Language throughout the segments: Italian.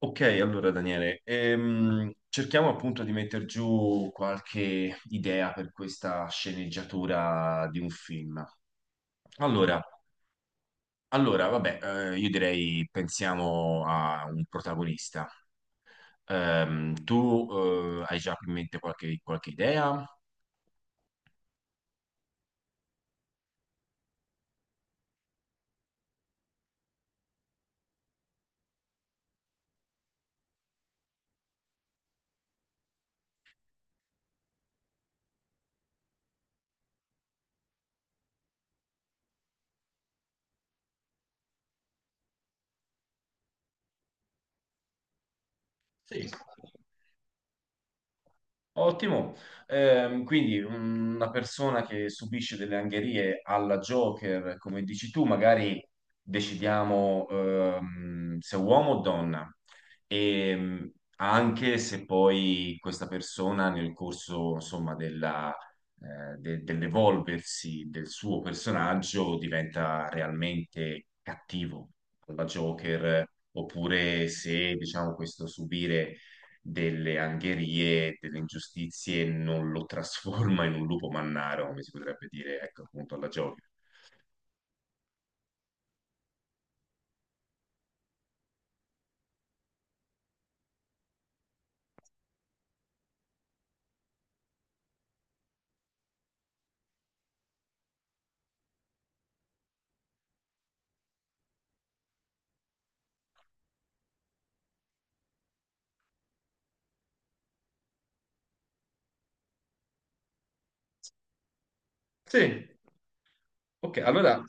Ok, allora Daniele, cerchiamo appunto di mettere giù qualche idea per questa sceneggiatura di un film. Allora, allora, vabbè, io direi pensiamo a un protagonista. Tu hai già in mente qualche idea? Sì. Ottimo. Quindi una persona che subisce delle angherie alla Joker, come dici tu, magari decidiamo se uomo o donna, e anche se poi questa persona nel corso, insomma, della, dell'evolversi del suo personaggio diventa realmente cattivo alla Joker, oppure se, diciamo, questo subire delle angherie, delle ingiustizie, non lo trasforma in un lupo mannaro, come si potrebbe dire, ecco, appunto alla Joker. Sì, ok, allora,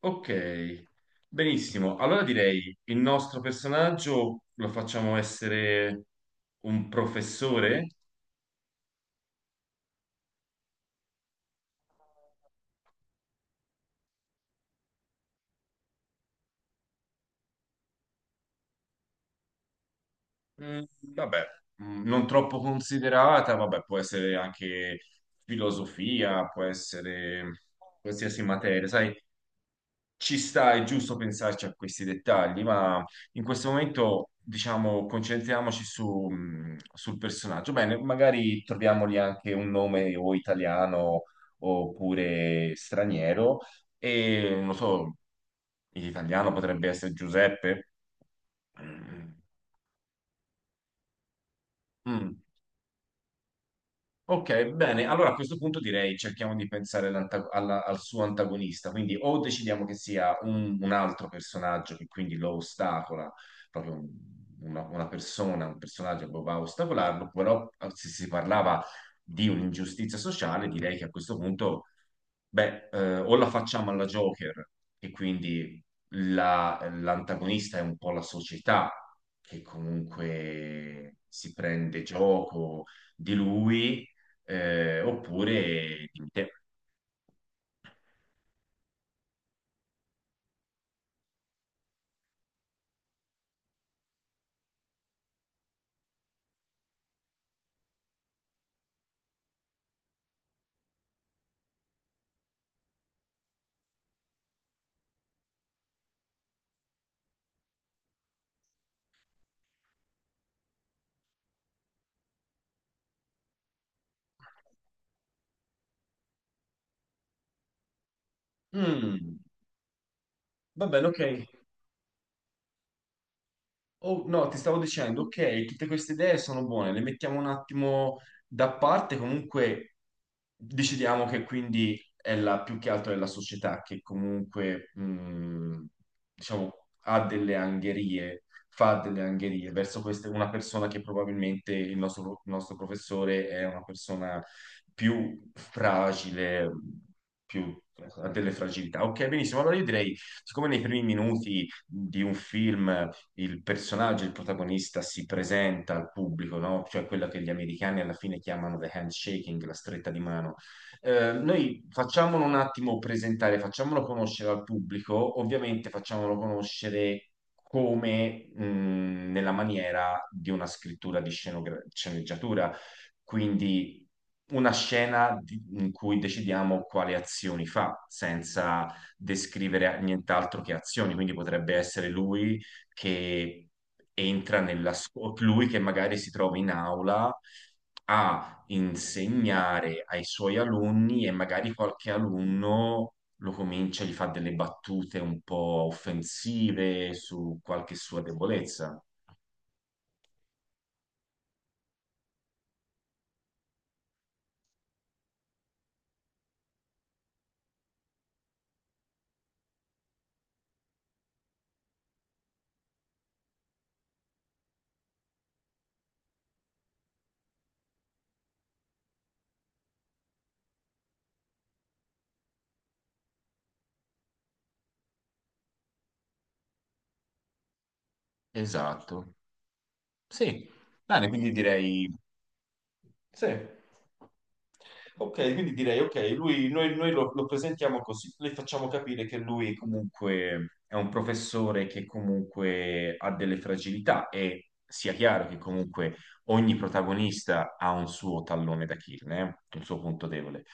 ok, benissimo. Allora direi il nostro personaggio lo facciamo essere un professore? Vabbè, non troppo considerata, vabbè, può essere anche filosofia, può essere qualsiasi materia, sai? Ci sta, è giusto pensarci a questi dettagli, ma in questo momento, diciamo, concentriamoci su, sul personaggio. Bene, magari troviamogli anche un nome o italiano oppure straniero. E non so, in italiano potrebbe essere Giuseppe. Mm. Mm. Ok, bene. Allora a questo punto direi cerchiamo di pensare al suo antagonista. Quindi o decidiamo che sia un altro personaggio che quindi lo ostacola, proprio un- una persona, un personaggio che va a ostacolarlo, però se si parlava di un'ingiustizia sociale, direi che a questo punto beh, o la facciamo alla Joker, e quindi l'antagonista è un po' la società che comunque si prende gioco di lui, oppure di te. Mm, va bene, ok. Oh, no, ti stavo dicendo, ok, tutte queste idee sono buone, le mettiamo un attimo da parte, comunque decidiamo che quindi è la, più che altro è la società che comunque, diciamo, ha delle angherie, fa delle angherie verso queste, una persona che probabilmente il nostro professore è una persona più fragile, più ha delle fragilità. Ok, benissimo. Allora io direi, siccome nei primi minuti di un film il personaggio, il protagonista si presenta al pubblico, no? Cioè quella che gli americani alla fine chiamano the handshaking, la stretta di mano. Noi facciamolo un attimo presentare, facciamolo conoscere al pubblico, ovviamente facciamolo conoscere come nella maniera di una scrittura di sceneggiatura, quindi una scena in cui decidiamo quali azioni fa, senza descrivere nient'altro che azioni, quindi potrebbe essere lui che entra nella scuola, lui che magari si trova in aula a insegnare ai suoi alunni e magari qualche alunno lo comincia, gli fa delle battute un po' offensive su qualche sua debolezza. Esatto. Sì. Bene, quindi direi. Sì. Ok, quindi direi, ok, lui, noi lo, lo presentiamo così, le facciamo capire che lui comunque è un professore che comunque ha delle fragilità e sia chiaro che comunque ogni protagonista ha un suo tallone d'Achille, un suo punto debole.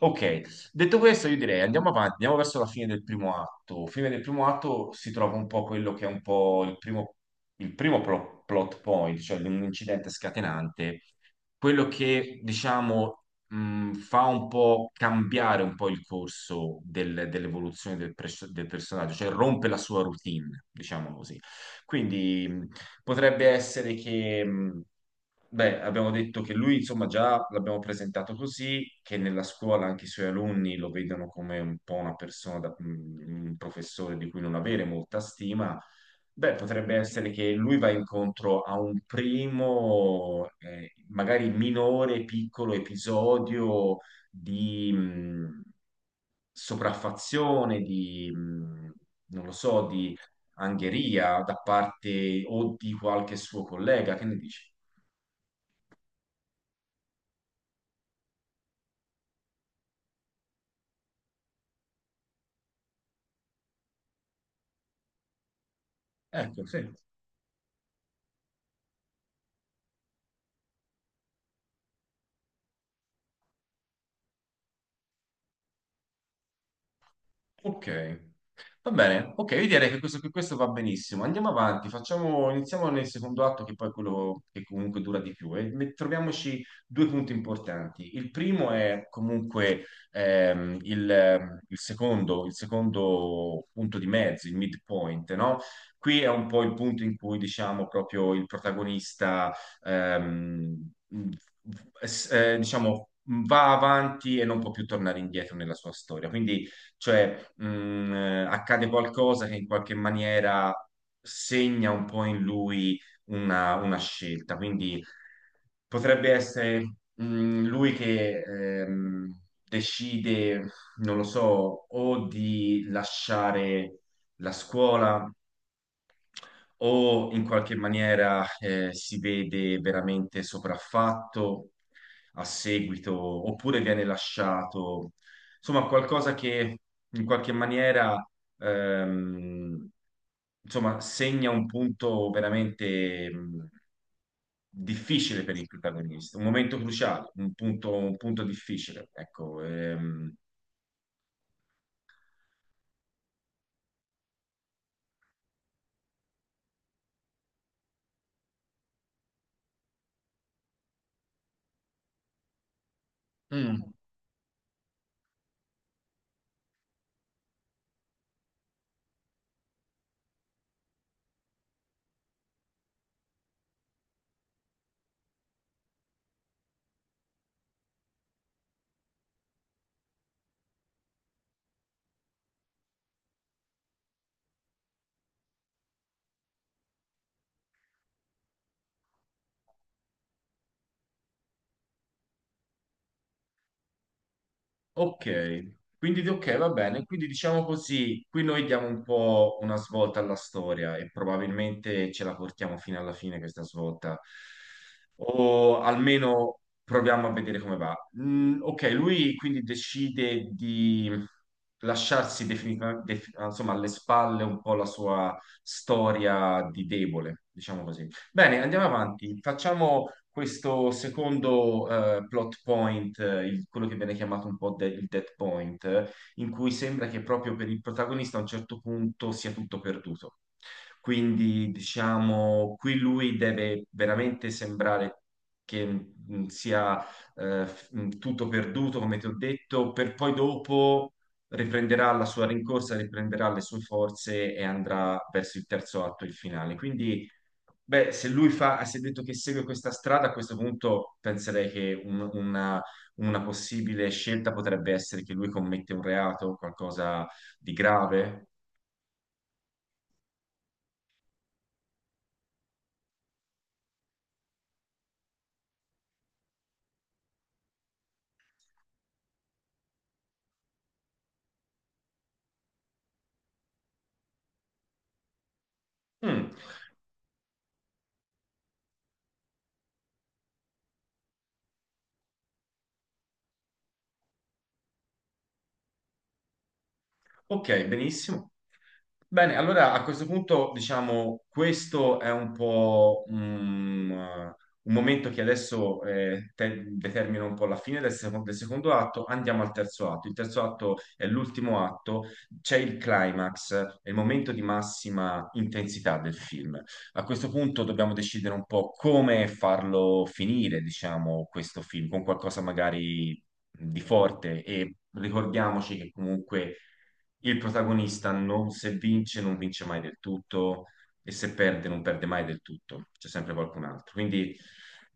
Ok, detto questo io direi andiamo avanti, andiamo verso la fine del primo atto. Fine del primo atto si trova un po' quello che è un po' il primo, il primo plot point, cioè un incidente scatenante quello che diciamo fa un po' cambiare un po' il corso dell'evoluzione del personaggio, cioè rompe la sua routine, diciamo così. Quindi potrebbe essere che, beh, abbiamo detto che lui, insomma, già l'abbiamo presentato così, che nella scuola anche i suoi alunni lo vedono come un po' una persona, un professore di cui non avere molta stima. Beh, potrebbe essere che lui va incontro a un primo, magari minore, piccolo episodio di sopraffazione, di, non lo so, di angheria da parte o di qualche suo collega. Che ne dici? Ecco, sì. Ok, va bene. Ok, io direi che questo va benissimo. Andiamo avanti, facciamo, iniziamo nel secondo atto, che poi è quello che comunque dura di più. E troviamoci due punti importanti. Il primo è comunque il secondo punto di mezzo, il midpoint, no? Qui è un po' il punto in cui, diciamo, proprio il protagonista, ehm, mh, diciamo, va avanti e non può più tornare indietro nella sua storia. Quindi cioè accade qualcosa che in qualche maniera segna un po' in lui una scelta, quindi potrebbe essere lui che decide, non lo so, o di lasciare la scuola o in qualche maniera si vede veramente sopraffatto a seguito, oppure viene lasciato, insomma, qualcosa che in qualche maniera ehm, insomma, segna un punto veramente difficile per il protagonista, un momento cruciale, un punto difficile, ecco. Mm. Ok, quindi ok, va bene. Quindi diciamo così, qui noi diamo un po' una svolta alla storia e probabilmente ce la portiamo fino alla fine questa svolta, o almeno proviamo a vedere come va. Ok, lui quindi decide di lasciarsi definitivamente, insomma, alle spalle un po' la sua storia di debole, diciamo così. Bene, andiamo avanti. Facciamo questo secondo plot point, quello che viene chiamato un po' il dead point, in cui sembra che proprio per il protagonista a un certo punto sia tutto perduto. Quindi, diciamo, qui lui deve veramente sembrare che sia tutto perduto, come ti ho detto, per poi dopo riprenderà la sua rincorsa, riprenderà le sue forze e andrà verso il terzo atto, il finale. Quindi beh, se lui fa, se ha detto che segue questa strada, a questo punto penserei che una possibile scelta potrebbe essere che lui commette un reato, qualcosa di grave. Mm. Ok, benissimo. Bene, allora a questo punto, diciamo, questo è un po' un momento che adesso determina un po' la fine del secondo atto. Andiamo al terzo atto. Il terzo atto è l'ultimo atto, c'è il climax, è il momento di massima intensità del film. A questo punto dobbiamo decidere un po' come farlo finire, diciamo, questo film, con qualcosa magari di forte e ricordiamoci che comunque il protagonista non, se vince, non vince mai del tutto e se perde, non perde mai del tutto, c'è sempre qualcun altro. Quindi,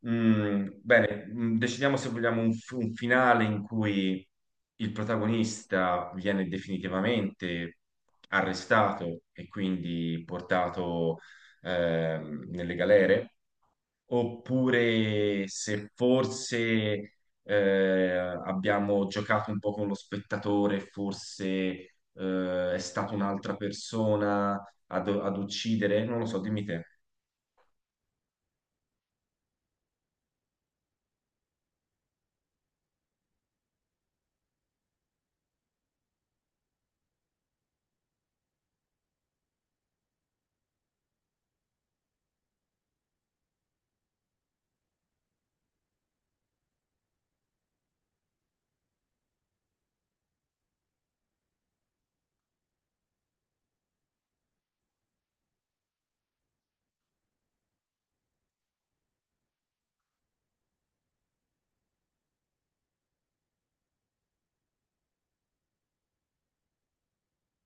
bene, decidiamo se vogliamo un finale in cui il protagonista viene definitivamente arrestato e quindi portato nelle galere oppure se forse eh, abbiamo giocato un po' con lo spettatore, forse è stata un'altra persona ad uccidere, non lo so, dimmi te.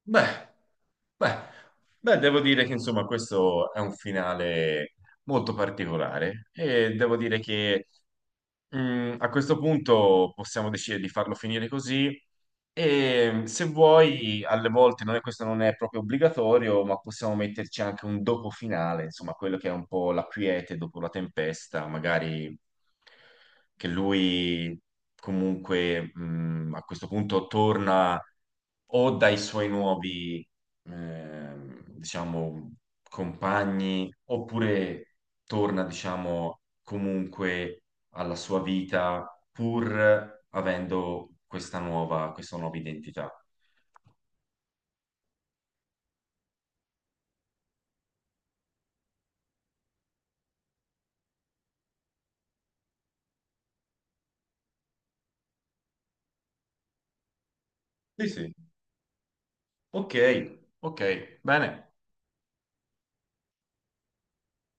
Beh, beh, beh, devo dire che insomma questo è un finale molto particolare e devo dire che a questo punto possiamo decidere di farlo finire così e se vuoi, alle volte non è, questo non è proprio obbligatorio, ma possiamo metterci anche un dopo finale, insomma, quello che è un po' la quiete dopo la tempesta, magari che lui comunque a questo punto torna o dai suoi nuovi, diciamo, compagni, oppure torna, diciamo, comunque alla sua vita pur avendo questa nuova identità. Sì, sì. Ok, ok, bene.